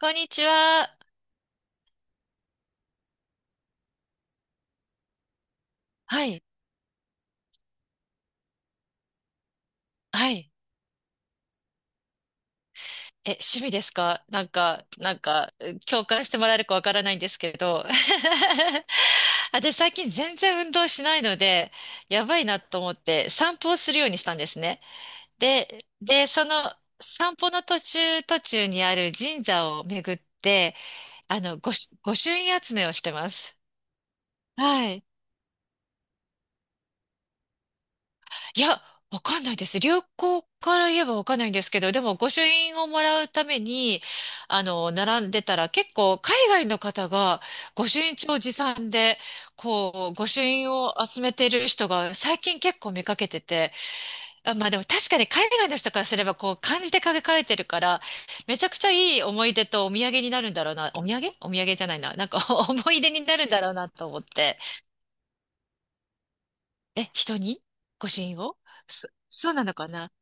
こんにちは。はい。はい。趣味ですか？共感してもらえるかわからないんですけど。私最近全然運動しないので、やばいなと思って散歩をするようにしたんですね。で、その散歩の途中途中にある神社を巡って、御朱印集めをしてます。はい。いや、わかんないです。流行から言えばわかんないんですけど、でも御朱印をもらうために、並んでたら結構海外の方が御朱印帳持参で、こう、御朱印を集めてる人が最近結構見かけてて、あ、まあでも確かに海外の人からすればこう漢字で書かれてるから、めちゃくちゃいい思い出とお土産になるんだろうな。お土産お土産じゃないな。なんか 思い出になるんだろうなと思って。え、人に御朱印をそうなのかな？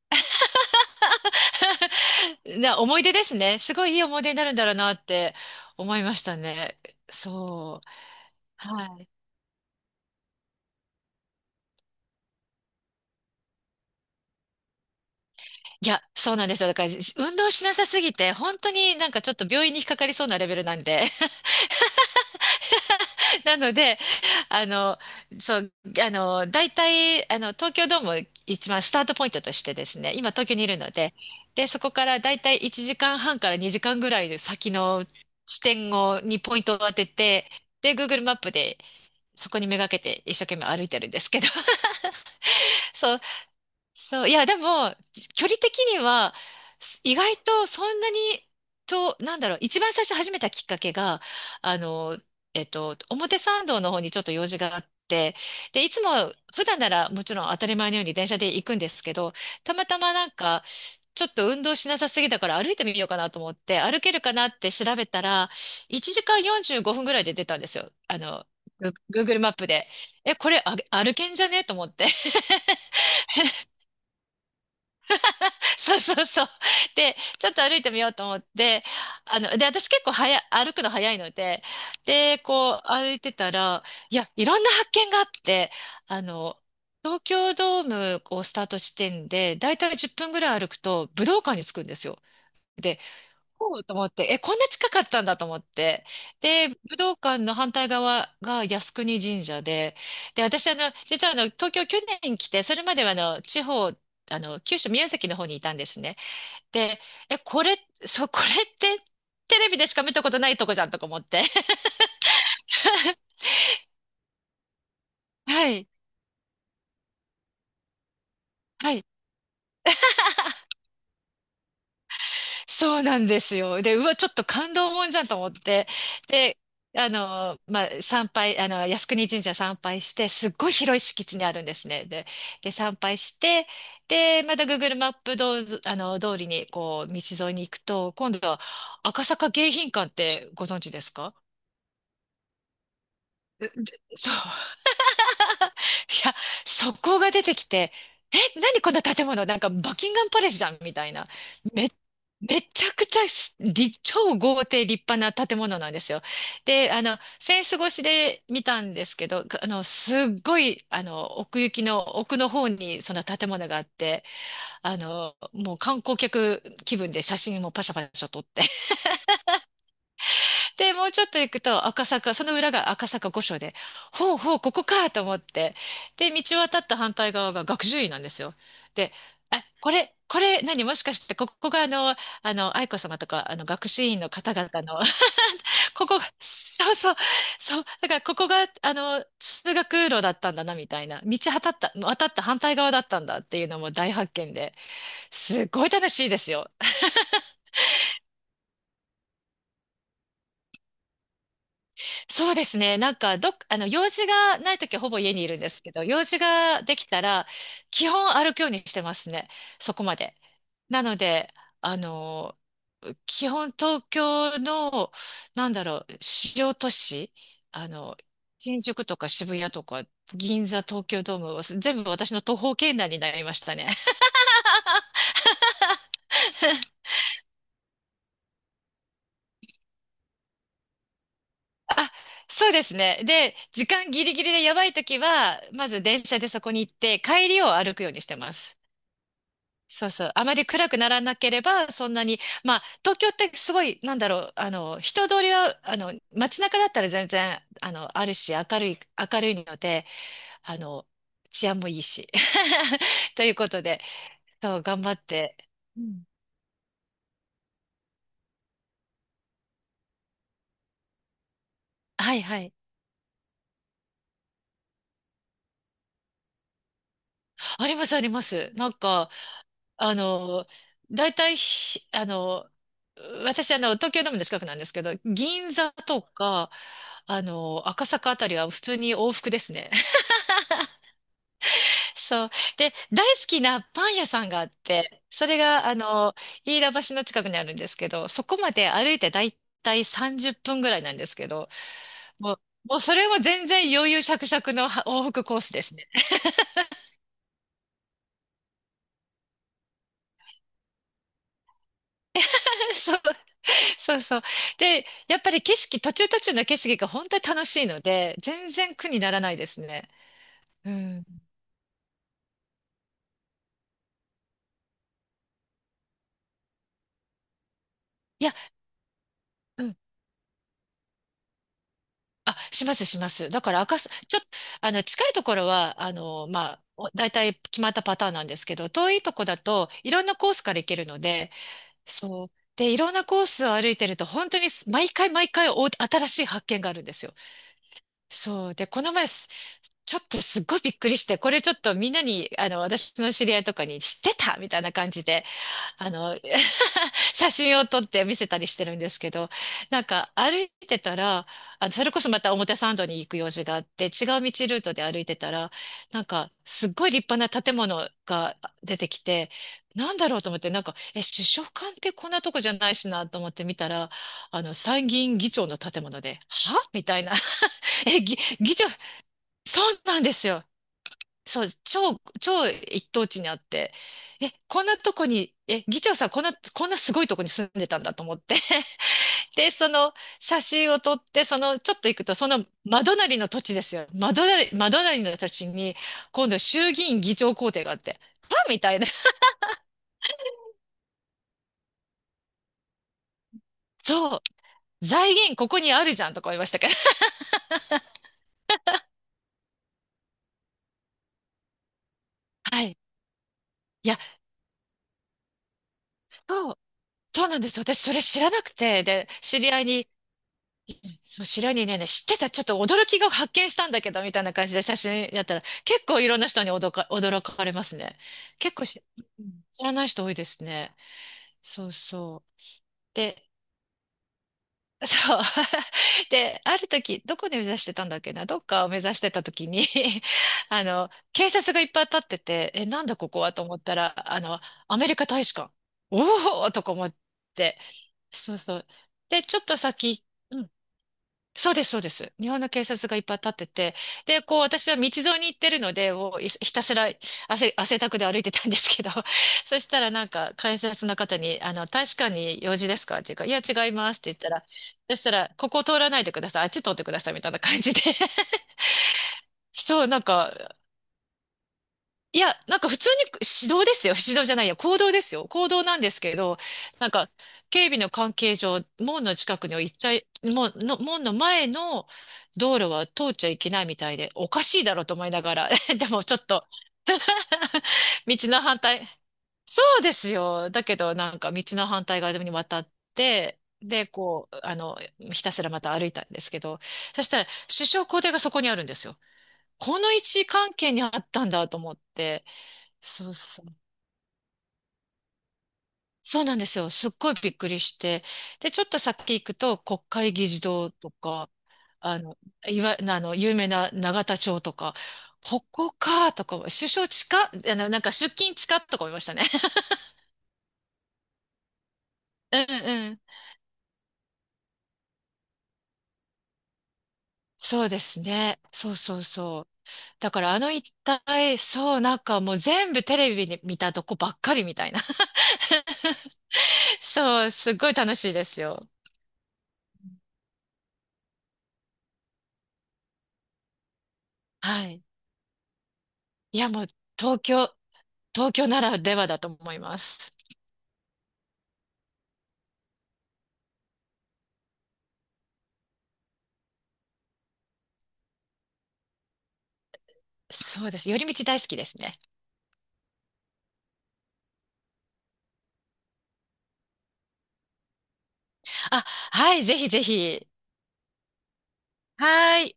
思い出ですね。すごいいい思い出になるんだろうなって思いましたね。そう。はい。いや、そうなんですよ。だから、運動しなさすぎて、本当になんかちょっと病院に引っかかりそうなレベルなんで。なので、あの、そう、大体、東京ドーム一番スタートポイントとしてですね、今東京にいるので、で、そこから大体1時間半から2時間ぐらいの先の地点を、にポイントを当てて、で、Google マップでそこにめがけて一生懸命歩いてるんですけど。そう、そう、いや、でも、距離的には、意外とそんなに、と、なんだろう、一番最初始めたきっかけが、あの、表参道の方にちょっと用事があって、で、いつも、普段ならもちろん当たり前のように電車で行くんですけど、たまたまなんか、ちょっと運動しなさすぎだから歩いてみようかなと思って、歩けるかなって調べたら、1時間45分ぐらいで出たんですよ。Google マップで。え、これあ歩けんじゃねえと思って。そうそうそう。で、ちょっと歩いてみようと思って、で、私結構早い、歩くの早いので、で、こう歩いてたら、いや、いろんな発見があって、あの、東京ドームをスタート地点で、だいたい10分ぐらい歩くと武道館に着くんですよ。おうと思って、え、こんな近かったんだと思って。で、武道館の反対側が靖国神社で、で、私、あの、実はあの、東京去年来て、それまではあの、地方、あの、九州宮崎の方にいたんですね。で、え、これ、そう、これってテレビでしか見たことないとこじゃんとか思って。はい、はい。そうなんですよ。で、うわ、ちょっと感動もんじゃんと思って。で、あの、まあ、参拝、あの、靖国神社参拝して、すっごい広い敷地にあるんですね。で、で、参拝して、で、また Google マップどうあの、通りに、こう、道沿いに行くと、今度は赤坂迎賓館ってご存知ですか？そう。いや、そこが出てきて、え、何こんな建物なんかバキンガンパレスじゃんみたいな。め、めちゃくちゃ超豪邸立派な建物なんですよ。で、ェンス越しで見たんですけど、あの、すっごい、あの、奥行きの奥の方にその建物があって、あの、もう観光客気分で写真もパシャパシャ撮って。で、もうちょっと行くと赤坂、その裏が赤坂御所で、ほうほう、ここかと思って、で、道渡った反対側が学習院なんですよ。で、あ、これ、これ、何、もしかして、ここがあの、あの、愛子様とか、あの、学習院の方々の、ここが、そうそう、そう、だからここが、あの、通学路だったんだな、みたいな、道渡った、渡った反対側だったんだっていうのも大発見で、すごい楽しいですよ。そうですね。なんか、どっ、あの、用事がないときはほぼ家にいるんですけど、用事ができたら、基本歩くようにしてますね。そこまで。なので、あの、基本東京の、なんだろう、主要都市、あの、新宿とか渋谷とか、銀座、東京ドーム、全部私の徒歩圏内になりましたね。あ、そうですね。で、時間ギリギリでやばいときは、まず電車でそこに行って、帰りを歩くようにしてます。そうそう。あまり暗くならなければ、そんなに、まあ、東京ってすごい、なんだろう、人通りは、街中だったら全然、あの、あるし、明るいので、あの、治安もいいし。ということで、そう、頑張って。うん。はいはい。あります、あります。なんか、あの、大体ひ、あの、私、あの、東京ドームの近くなんですけど、銀座とか、赤坂あたりは普通に往復ですね。そう。で、大好きなパン屋さんがあって、それが、飯田橋の近くにあるんですけど、そこまで歩いてだいたい30分ぐらいなんですけど、もう、もうそれも全然余裕しゃくしゃくのは往復コースですね。そう、そうそう。で、やっぱり景色、途中途中の景色が本当に楽しいので、全然苦にならないですね。うん。いや、うんします、します。だから赤す、ちょっと、あの、近いところは、お大体決まったパターンなんですけど、遠いとこだといろんなコースから行けるので、そう。で、いろんなコースを歩いてると、本当に毎回毎回お新しい発見があるんですよ。そう。で、この前、ちょっとすっごいびっくりして、これちょっとみんなに、私の知り合いとかに知ってたみたいな感じで、あの、写真を撮って見せたりしてるんですけど、なんか歩いてたら、あの、それこそまた表参道に行く用事があって、違うートで歩いてたら、なんか、すっごい立派な建物が出てきて、なんだろうと思って、なんか、え、首相官ってこんなとこじゃないしなと思って見たら、あの、参議院議長の建物で、はみたいな。え、議長、そうなんですよ。超一等地にあって、え、こんなとこに、え、議長さん、こんなすごいとこに住んでたんだと思って。で、その写真を撮って、その、ちょっと行くと、その、真隣の土地ですよ。真隣の土地に、今度衆議院議長公邸があって、あみたいな。そう、財源ここにあるじゃんとか思いましたけど。はい。いや、そう、そうなんです。私、それ知らなくて、で、知り合いに、そう、白にね、知ってた、ちょっと驚きが発見したんだけど、みたいな感じで写真やったら、結構いろんな人に驚かれますね。結構しうん知らない人多いですね。そうそう。で、そう。で、ある時、どこで目指してたんだっけな、どっかを目指してた時に あの、警察がいっぱい立ってて、え、なんだここはと思ったら、あの、アメリカ大使館。おおとか思って。そうそう。で、ちょっと先、うん、そうです、そうです。日本の警察がいっぱい立ってて、で、こう、私は道沿いに行ってるので、もうひたすら汗だくで歩いてたんですけど、そしたらなんか、警察の方に、あの、大使館に用事ですかっていうか、いや、違いますって言ったら、そしたら、ここ通らないでください、あっち通ってくださいみたいな感じで、そう、なんか、いや、なんか普通に指導ですよ。指導じゃないや、行動ですよ。行動なんですけど、なんか警備の関係上、門の近くには行っちゃい、門の、門の前の道路は通っちゃいけないみたいで、おかしいだろうと思いながら、でもちょっと 道の反対、そうですよ。だけどなんか道の反対側に渡って、で、こう、あの、ひたすらまた歩いたんですけど、そしたら首相公邸がそこにあるんですよ。この位置関係にあったんだと思って、そうそうなんですよ。すっごいびっくりして。で、ちょっと先行くと、国会議事堂とか、あの、いわ、あの、有名な永田町とか、ここか、とか、首相近っ、あの、なんか出勤近っとか思いましたね。うんうん。そうですね。そうそうそう。だからあの一帯、そう、なんかもう全部テレビに見たとこばっかりみたいな。そう、すっごい楽しいですよ。はい。いや、もう東京、東京ならではだと思います。そうです。寄り道大好きですね。あ、はい、ぜひぜひ。はい。